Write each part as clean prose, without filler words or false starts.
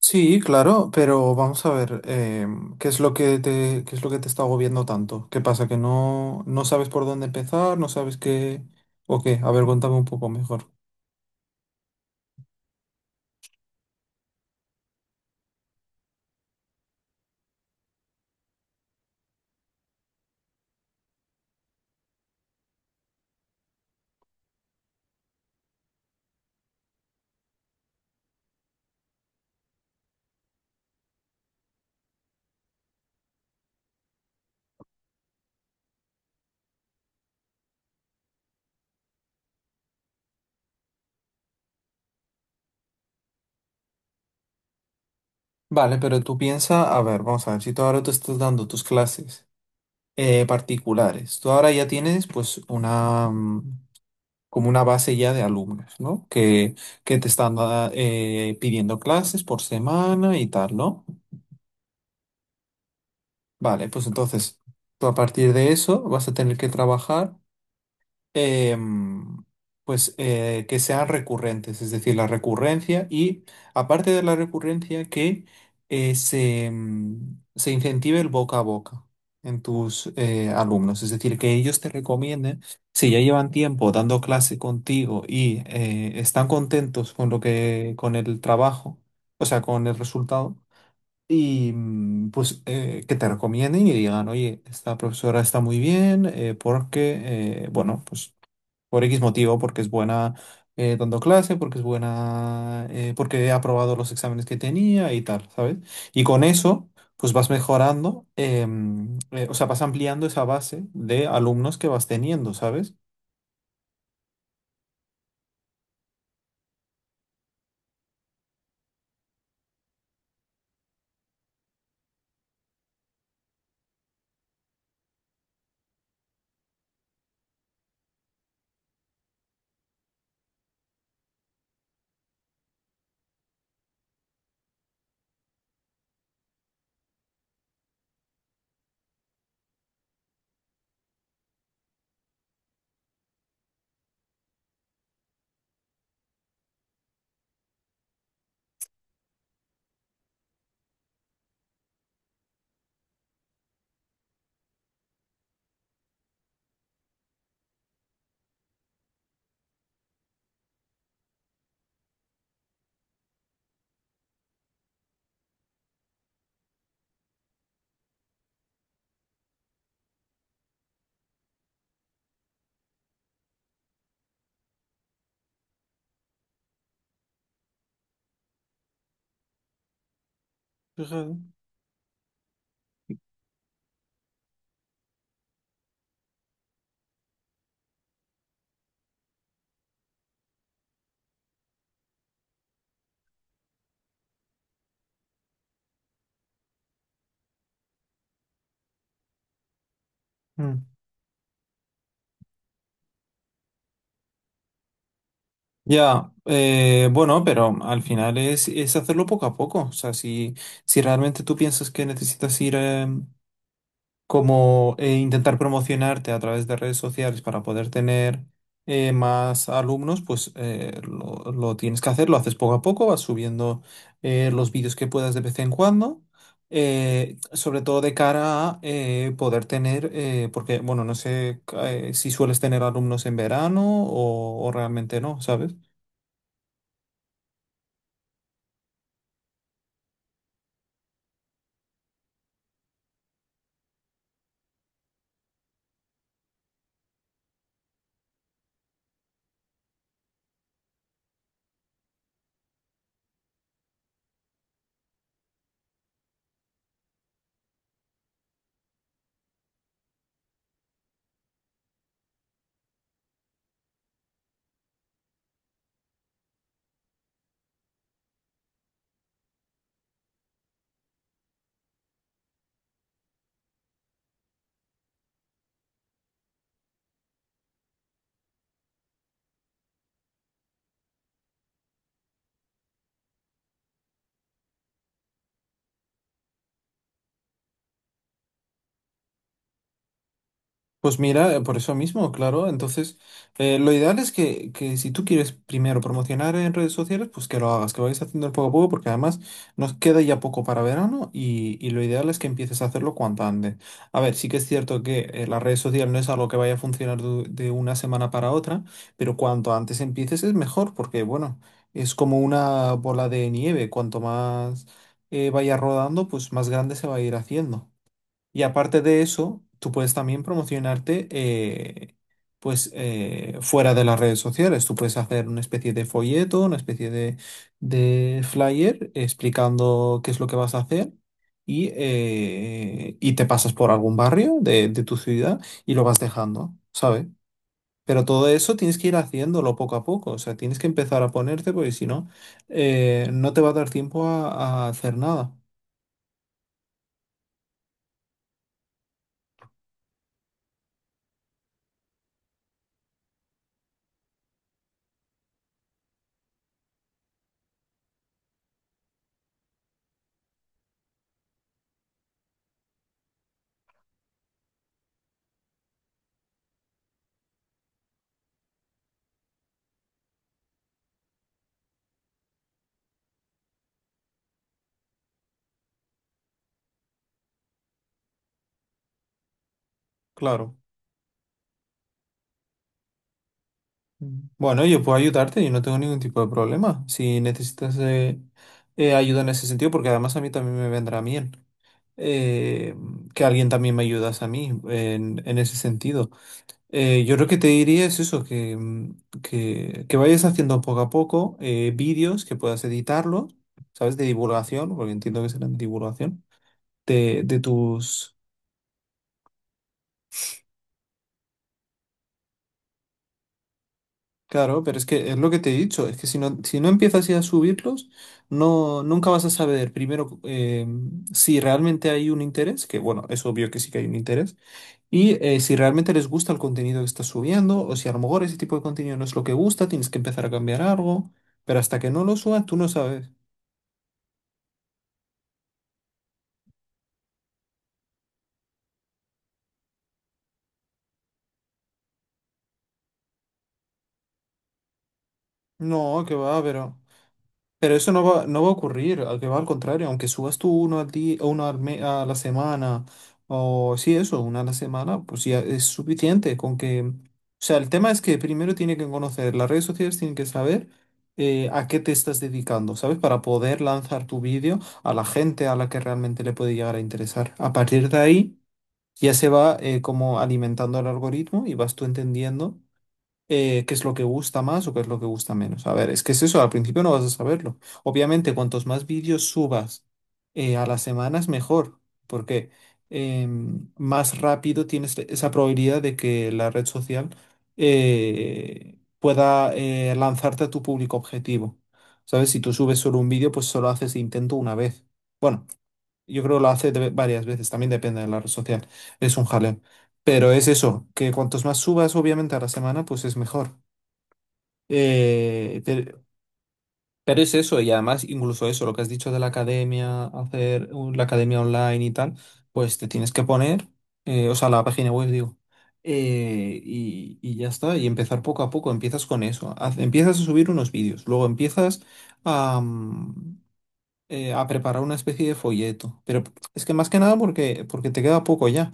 Sí, claro, pero vamos a ver, ¿qué es lo que te, qué es lo que te está agobiando tanto? ¿Qué pasa? ¿Que no sabes por dónde empezar? ¿No sabes qué? ¿O qué? A ver, cuéntame un poco mejor. Vale, pero tú piensa, a ver, vamos a ver, si tú ahora te estás dando tus clases particulares, tú ahora ya tienes pues una, como una base ya de alumnos, ¿no? Que te están pidiendo clases por semana y tal, ¿no? Vale, pues entonces tú a partir de eso vas a tener que trabajar. em, que sean recurrentes, es decir, la recurrencia y aparte de la recurrencia que se incentive el boca a boca en tus alumnos, es decir, que ellos te recomienden, si ya llevan tiempo dando clase contigo y están contentos con lo que, con el trabajo, o sea, con el resultado y que te recomienden y digan, oye, esta profesora está muy bien porque, bueno, pues por X motivo, porque es buena dando clase, porque es buena, porque ha aprobado los exámenes que tenía y tal, ¿sabes? Y con eso, pues vas mejorando, o sea, vas ampliando esa base de alumnos que vas teniendo, ¿sabes? Fíjate. Ya, bueno, pero al final es hacerlo poco a poco. O sea, si, si realmente tú piensas que necesitas ir como intentar promocionarte a través de redes sociales para poder tener más alumnos, pues lo tienes que hacer, lo haces poco a poco, vas subiendo los vídeos que puedas de vez en cuando. Sobre todo de cara a poder tener, porque, bueno, no sé si sueles tener alumnos en verano o realmente no, ¿sabes? Pues mira, por eso mismo, claro. Entonces, lo ideal es que si tú quieres primero promocionar en redes sociales, pues que lo hagas, que vayas haciendo poco a poco, porque además nos queda ya poco para verano y lo ideal es que empieces a hacerlo cuanto antes. A ver, sí que es cierto que las redes sociales no es algo que vaya a funcionar de una semana para otra, pero cuanto antes empieces es mejor, porque bueno, es como una bola de nieve. Cuanto más vaya rodando, pues más grande se va a ir haciendo. Y aparte de eso, tú puedes también promocionarte fuera de las redes sociales. Tú puedes hacer una especie de folleto, una especie de flyer explicando qué es lo que vas a hacer y te pasas por algún barrio de tu ciudad y lo vas dejando, ¿sabes? Pero todo eso tienes que ir haciéndolo poco a poco. O sea, tienes que empezar a ponerte porque si no, no te va a dar tiempo a hacer nada. Claro. Mm. Bueno, yo puedo ayudarte, yo no tengo ningún tipo de problema. Si necesitas ayuda en ese sentido, porque además a mí también me vendrá bien eh, que alguien también me ayudas a mí en ese sentido. Yo lo que te diría es eso, que vayas haciendo poco a poco vídeos que puedas editarlos, ¿sabes? De divulgación, porque entiendo que serán de divulgación, de tus... Claro, pero es que es lo que te he dicho, es que si no, si no empiezas ya a subirlos, no, nunca vas a saber primero si realmente hay un interés, que bueno, es obvio que sí que hay un interés, y si realmente les gusta el contenido que estás subiendo, o si a lo mejor ese tipo de contenido no es lo que gusta, tienes que empezar a cambiar algo, pero hasta que no lo subas, tú no sabes. No, que va, pero... Pero eso no va, no va a ocurrir, al que va al contrario, aunque subas tú uno al día, o uno al a la semana, o sí, eso, una a la semana, pues ya es suficiente con que... O sea, el tema es que primero tiene que conocer, las redes sociales tienen que saber a qué te estás dedicando, ¿sabes? Para poder lanzar tu vídeo a la gente a la que realmente le puede llegar a interesar. A partir de ahí ya se va como alimentando el algoritmo y vas tú entendiendo qué es lo que gusta más o qué es lo que gusta menos. A ver, es que es eso, al principio no vas a saberlo. Obviamente, cuantos más vídeos subas a las semanas, mejor, porque más rápido tienes esa probabilidad de que la red social pueda lanzarte a tu público objetivo. ¿Sabes? Si tú subes solo un vídeo, pues solo haces intento una vez. Bueno, yo creo que lo hace varias veces, también depende de la red social. Es un jaleo. Pero es eso, que cuantos más subas, obviamente, a la semana, pues es mejor. Eh, te- pero es eso, y además, incluso eso, lo que has dicho de la academia, hacer la academia online y tal, pues te tienes que poner, o sea, la página web, digo, y ya está, y empezar poco a poco. Empiezas con eso, empiezas a subir unos vídeos, luego empiezas a. A preparar una especie de folleto. Pero es que más que nada porque, porque te queda poco ya.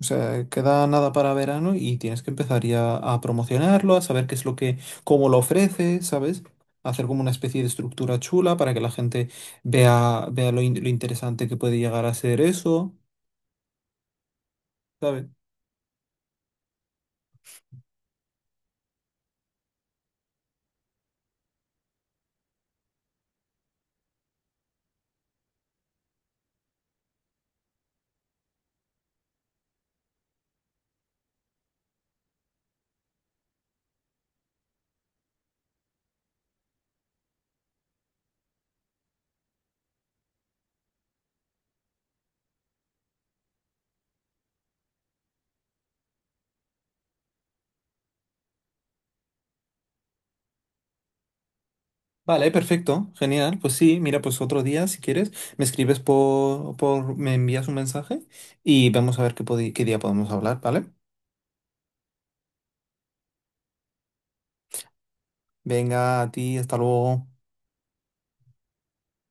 O sea, queda nada para verano y tienes que empezar ya a promocionarlo, a saber qué es lo que, cómo lo ofreces, ¿sabes? Hacer como una especie de estructura chula para que la gente vea, vea lo, lo interesante que puede llegar a ser eso, ¿sabes? Vale, perfecto, genial. Pues sí, mira, pues otro día, si quieres, me escribes por, me envías un mensaje y vamos a ver qué, qué día podemos hablar, ¿vale? Venga, a ti, hasta luego.